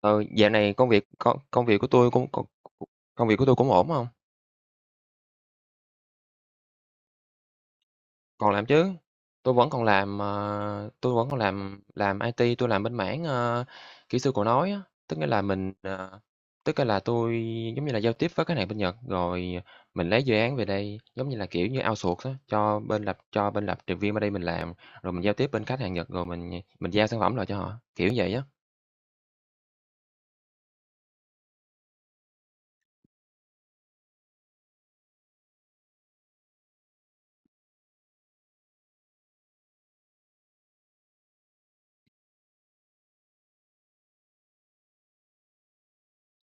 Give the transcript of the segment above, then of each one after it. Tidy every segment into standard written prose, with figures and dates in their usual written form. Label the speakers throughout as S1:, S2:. S1: Ờ, dạo này công việc của tôi cũng ổn. Không, còn làm chứ, tôi vẫn còn làm, làm IT. Tôi làm bên mảng, kỹ sư cầu nối á. Tức nghĩa là mình, tức là tôi giống như là giao tiếp với khách hàng bên Nhật, rồi mình lấy dự án về đây, giống như là, kiểu như, outsource á, cho bên lập trình viên ở đây mình làm, rồi mình giao tiếp bên khách hàng Nhật, rồi mình giao sản phẩm lại cho họ, kiểu vậy á.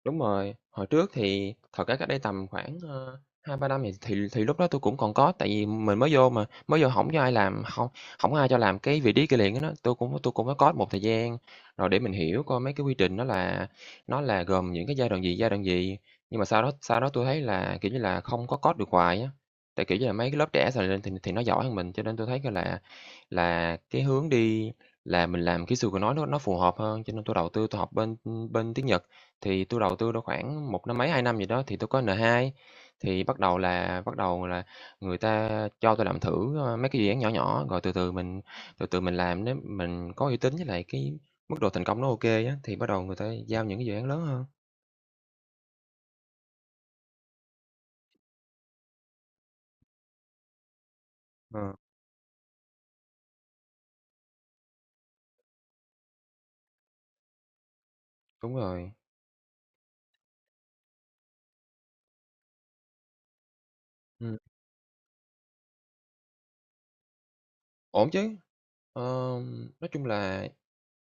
S1: Đúng rồi, hồi trước thì thật ra cách đây tầm khoảng, 2-3 năm thì lúc đó tôi cũng còn có, tại vì mình mới vô mà, mới vô hổng có ai làm, không không ai cho làm cái vị trí liền á đó. Tôi cũng có code một thời gian rồi để mình hiểu coi mấy cái quy trình nó là, gồm những cái giai đoạn gì, giai đoạn gì. Nhưng mà sau đó tôi thấy là, kiểu như là, không có code được hoài á, tại, kiểu như là, mấy cái lớp trẻ sờ lên thì nó giỏi hơn mình, cho nên tôi thấy coi là cái hướng đi là mình làm kỹ sư của nó nó phù hợp hơn, cho nên tôi đầu tư tôi học bên, bên tiếng Nhật. Thì tôi đầu tư đâu khoảng một năm mấy, 2 năm gì đó thì tôi có N2, thì bắt đầu là người ta cho tôi làm thử, mấy cái dự án nhỏ nhỏ, rồi từ từ mình làm, nếu mình có uy tín với lại cái mức độ thành công nó ok á, thì bắt đầu người ta giao những cái dự án lớn hơn. Ờ, đúng rồi. Ừm, ổn chứ. Nói chung là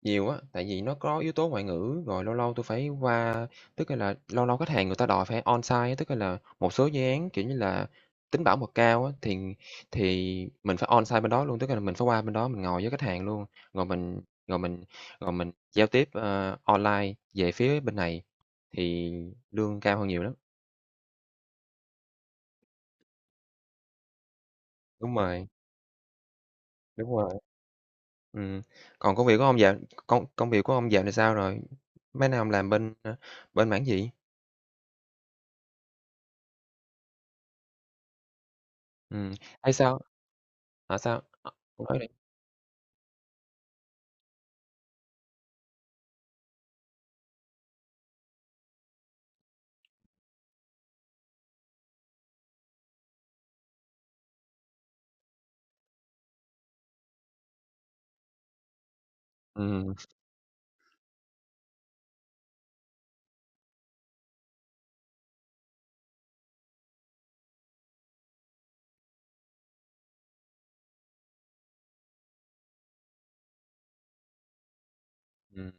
S1: nhiều á, tại vì nó có yếu tố ngoại ngữ, rồi lâu lâu tôi phải qua tức là lâu lâu khách hàng người ta đòi phải on-site á, tức là một số dự án, kiểu như là, tính bảo mật cao á, thì mình phải on-site bên đó luôn, tức là mình phải qua bên đó mình ngồi với khách hàng luôn, rồi mình rồi mình rồi mình giao tiếp, online về phía bên này thì lương cao hơn nhiều lắm. Đúng rồi, đúng rồi, ừm. Còn công công việc của ông dạo này sao rồi? Mấy năm làm bên, bên mảng gì? Ừm, thấy sao? Hả, sao? Ờ, cô nói đi. Ừm. Ừm.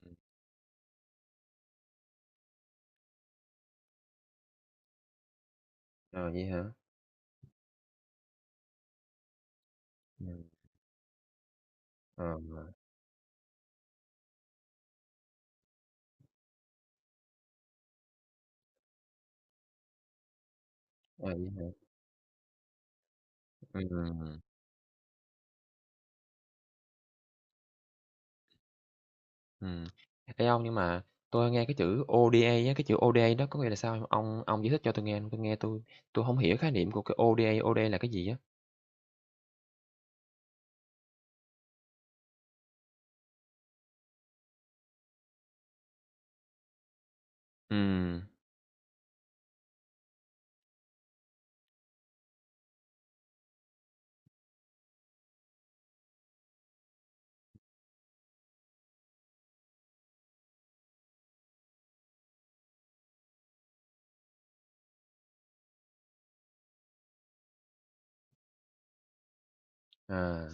S1: À, vậy hả? Ừm. Ờ. À, vậy hả? Ừm. Ừm. Ê, ông, nhưng mà tôi nghe cái chữ ODA á, cái chữ ODA đó có nghĩa là sao hông? Ông giải thích cho tôi nghe, tôi hông hiểu khái niệm của cái ODA, ODA là cái gì á? Ừm. À.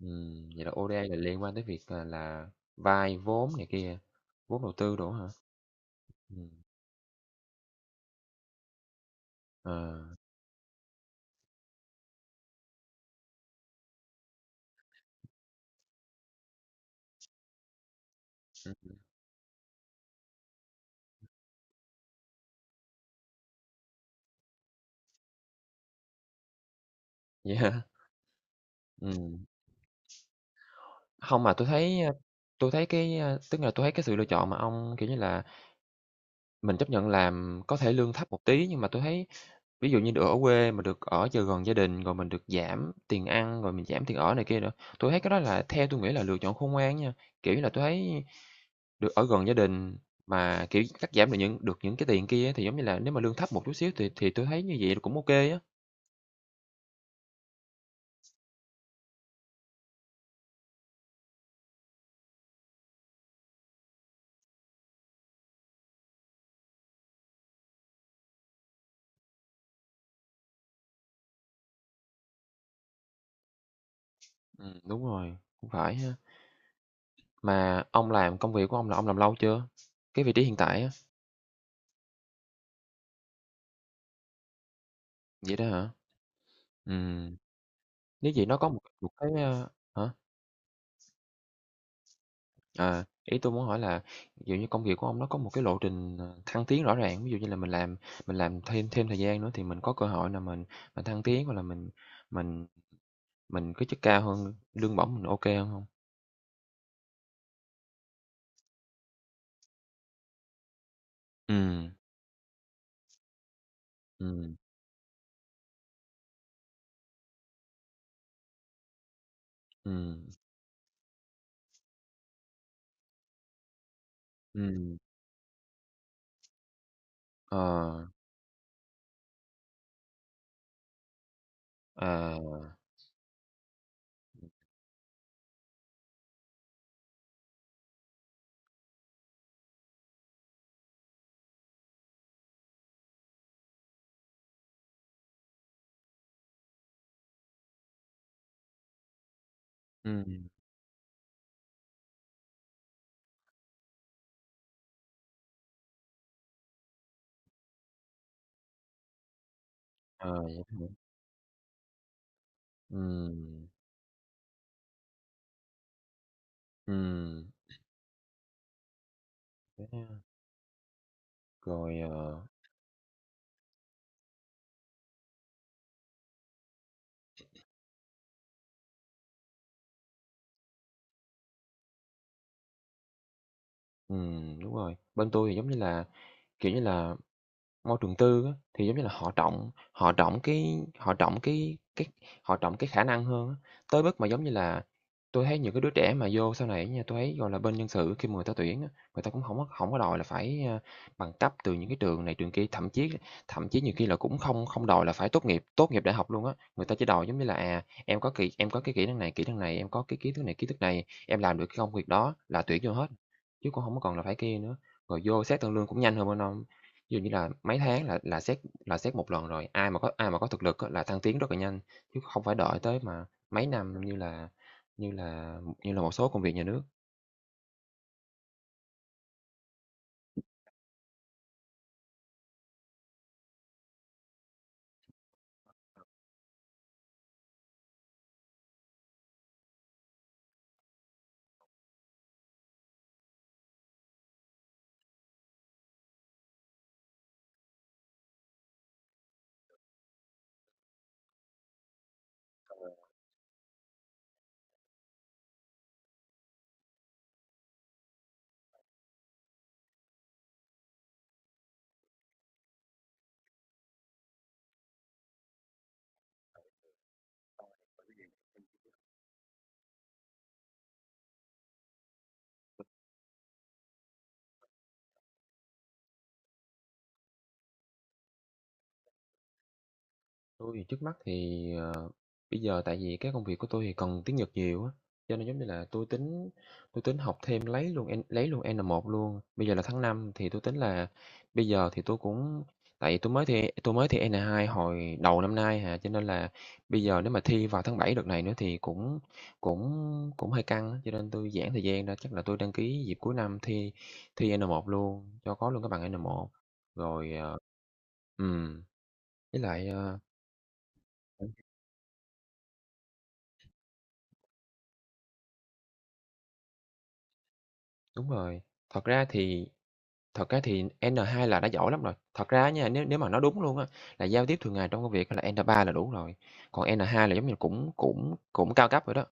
S1: Ừm, vậy là ODA là liên quan tới việc, à, là vay vốn này kia, vốn đầu tư đồ á hả? Ừm. Ờ, vậy hả? Ừm. Không mà tôi thấy, tui thấy cái, tức là tôi thấy cái sự lựa chọn mà ông, kiểu như là, mình chấp nhận làm có thể lương thấp một tí, nhưng mà tôi thấy ví dụ như được ở quê mà được ở cho gần gia đình, rồi mình được giảm tiền ăn, rồi mình giảm tiền ở này kia nữa. Tôi thấy cái đó là, theo tôi nghĩ, là lựa chọn khôn ngoan nha, kiểu như là, tôi thấy được ở gần gia đình mà, kiểu, cắt giảm được những cái tiền kia thì, giống như là, nếu mà lương thấp một chút xíu thì tôi thấy như vậy cũng ok á. Đúng rồi, cũng phải ha. Mà ông làm công việc của ông là ông làm lâu chưa? Cái vị trí hiện tại á, vậy đó hả? Ừm, nếu vậy nó có một một cái, hả? À, ý tôi muốn hỏi là, ví dụ như, công việc của ông nó có một cái lộ trình, ờ, thăng tiến rõ ràng, ví dụ như là mình làm thêm thêm thời gian nữa thì mình có cơ hội là mình thăng tiến hoặc là mình mình cái chức cao hơn, lương bổng mình ok kê hơn hông? Ừm. Ừm. Ừm. Ừm. Ờ. À. Ừm. À, vậy đó. Ừm. Ừm, thế ha. Rồi. Ờ. Ừm, đúng rồi, bên tôi thì giống như là, kiểu như là môi trường tư á, thì giống như là họ trọng cái họ trọng cái khả năng hơn á, tới mức mà giống như là tôi thấy những cái đứa trẻ mà vô sau này nha, tôi thấy, gọi là, bên nhân sự khi mà người ta tuyển á, người ta cũng không có, hổng có đòi là phải, bằng cấp từ những cái trường này trường kia, thậm chí, nhiều khi là cũng không không đòi là phải tốt nghiệp đại học luôn á. Người ta chỉ đòi giống như là, à, em có kỹ em có cái kỹ năng này, em có cái kiến thức này, em làm được cái công việc đó là tuyển vô hết, chứ cũng không có còn là phải kia nữa. Rồi vô xét tăng lương cũng nhanh hơn bên ông. Ví dụ như là mấy tháng là xét là xét một lần rồi, ai mà có thực lực á là thăng tiến rất là nhanh, chứ không phải đợi tới mà mấy năm như là như là như là một số công việc nhà nước. Tôi thì trước mắt thì, ờ, bây giờ tại vì cái công việc của tôi thì cần tiếng Nhật nhiều á, cho nên giống như là tôi tính học thêm lấy luôn N1 luôn. Bây giờ là tháng 5 thì tôi tính là bây giờ thì tôi cũng, tại vì tôi mới thi N2 hồi đầu năm nay hà, cho nên là bây giờ nếu mà thi vào tháng 7 đợt này nữa thì cũng cũng cũng hơi căng á, cho nên tôi giãn thời gian ra. Chắc là tôi đăng ký dịp cuối năm thi thi N1 luôn, cho có luôn cái bằng N1. Rồi. Ờ. Ừm. Với lại, ờ, đúng rồi. Thật ra thì Thật ra thì N2 là đã giỏi lắm rồi. Thật ra nha, nếu nếu mà nói đúng luôn á, là giao tiếp thường ngày trong công việc là N3 là đủ rồi, còn N2 là giống như cũng cũng cũng cao cấp rồi đó.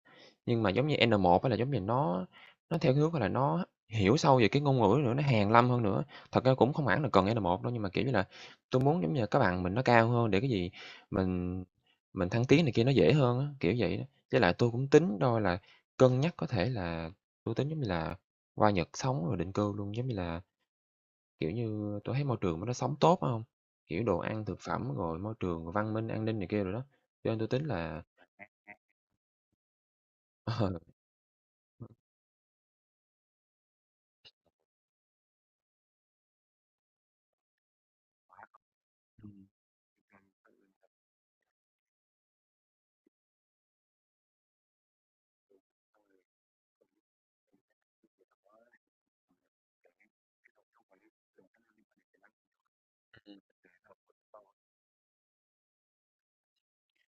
S1: Nhưng mà giống như N1 á là giống như nó theo cái hướng, là, nó hiểu sâu về cái ngôn ngữ nữa, nó hàn lâm hơn nữa. Thật ra cũng không hẳn là cần N1 đâu, nhưng mà, kiểu như là, tôi muốn giống như các bạn mình nó cao hơn để cái gì mình mình thăng tiến này kia nó dễ hơn á, kiểu vậy đó. Với lại tôi cũng tính đôi là cân nhắc có thể là tôi tính giống như là qua Nhật sống rồi định cư luôn, giống như là, kiểu như, tôi thấy môi trường nó sống tốt á hông? Kiểu, đồ ăn, thực phẩm, rồi môi trường, văn minh, an ninh này kia rồi đó, cho nên tôi tính là ờ.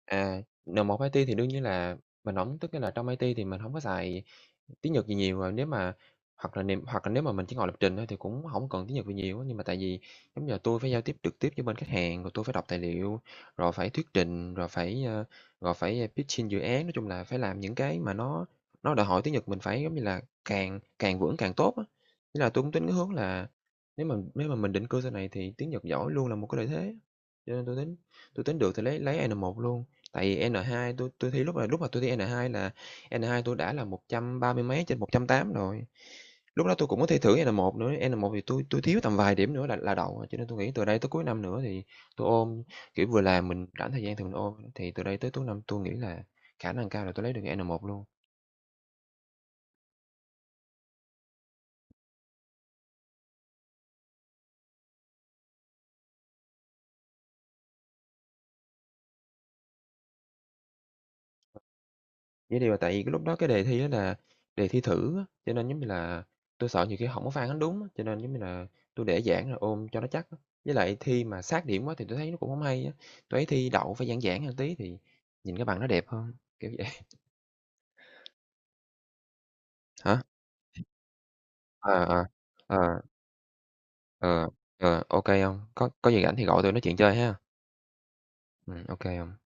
S1: À, N1 một IT thì đương nhiên là mình hổng, tức nghĩa là trong IT thì mình hổng có xài tiếng Nhật gì nhiều, à, nếu mà hoặc là niềm hoặc là nếu mà mình chỉ ngồi lập trình thôi thì cũng hổng cần tiếng Nhật gì nhiều á. Nhưng mà tại vì giống như là tui phải giao tiếp trực tiếp với bên khách hàng, rồi tui phải đọc tài liệu, rồi phải thuyết trình, rồi phải, rồi phải, pitching dự án, nói chung là phải làm những cái mà nó đòi hỏi tiếng Nhật mình phải, giống như là, càng càng vững càng tốt á. Nên là tui cũng tính cái hướng là nếu mà mình định cư sau này thì tiếng Nhật giỏi luôn là một cái lợi thế, cho nên tui tính được thì lấy A n một luôn. Tại vì N2 tôi tôi thi lúc là lúc mà tôi thi N2 là N2 tôi đã là 130 mấy trên 180 rồi. Lúc đó tôi cũng có thi thử N1 nữa, N1 thì tôi thiếu tầm vài điểm nữa là đậu, cho nên tôi nghĩ từ đây tới cuối năm nữa thì tôi ôn, kiểu, vừa làm mình rảnh thời gian thì mình ôn, thì từ đây tới cuối năm tôi nghĩ là khả năng cao là tôi lấy được N1 luôn. Vậy thì là tại vì cái lúc đó cái đề thi đó là đề thi thử á, cho nên giống như là tôi sợ nhiều khi hổng có phản ánh đúng á, cho nên giống như là tôi để giãn rồi ôm cho nó chắc á. Với lại thi mà sát điểm quá thì tôi thấy nó cũng không hay á, tui thấy thi đậu phải giãn giãn hơn tí thì nhìn cái bằng nó đẹp hơn, kiểu vậy. Hả? Ờ, ờ, ờ, ờ, ờ, ô kê. Có gì rảnh thì gọi tôi nói chuyện chơi ha. Ô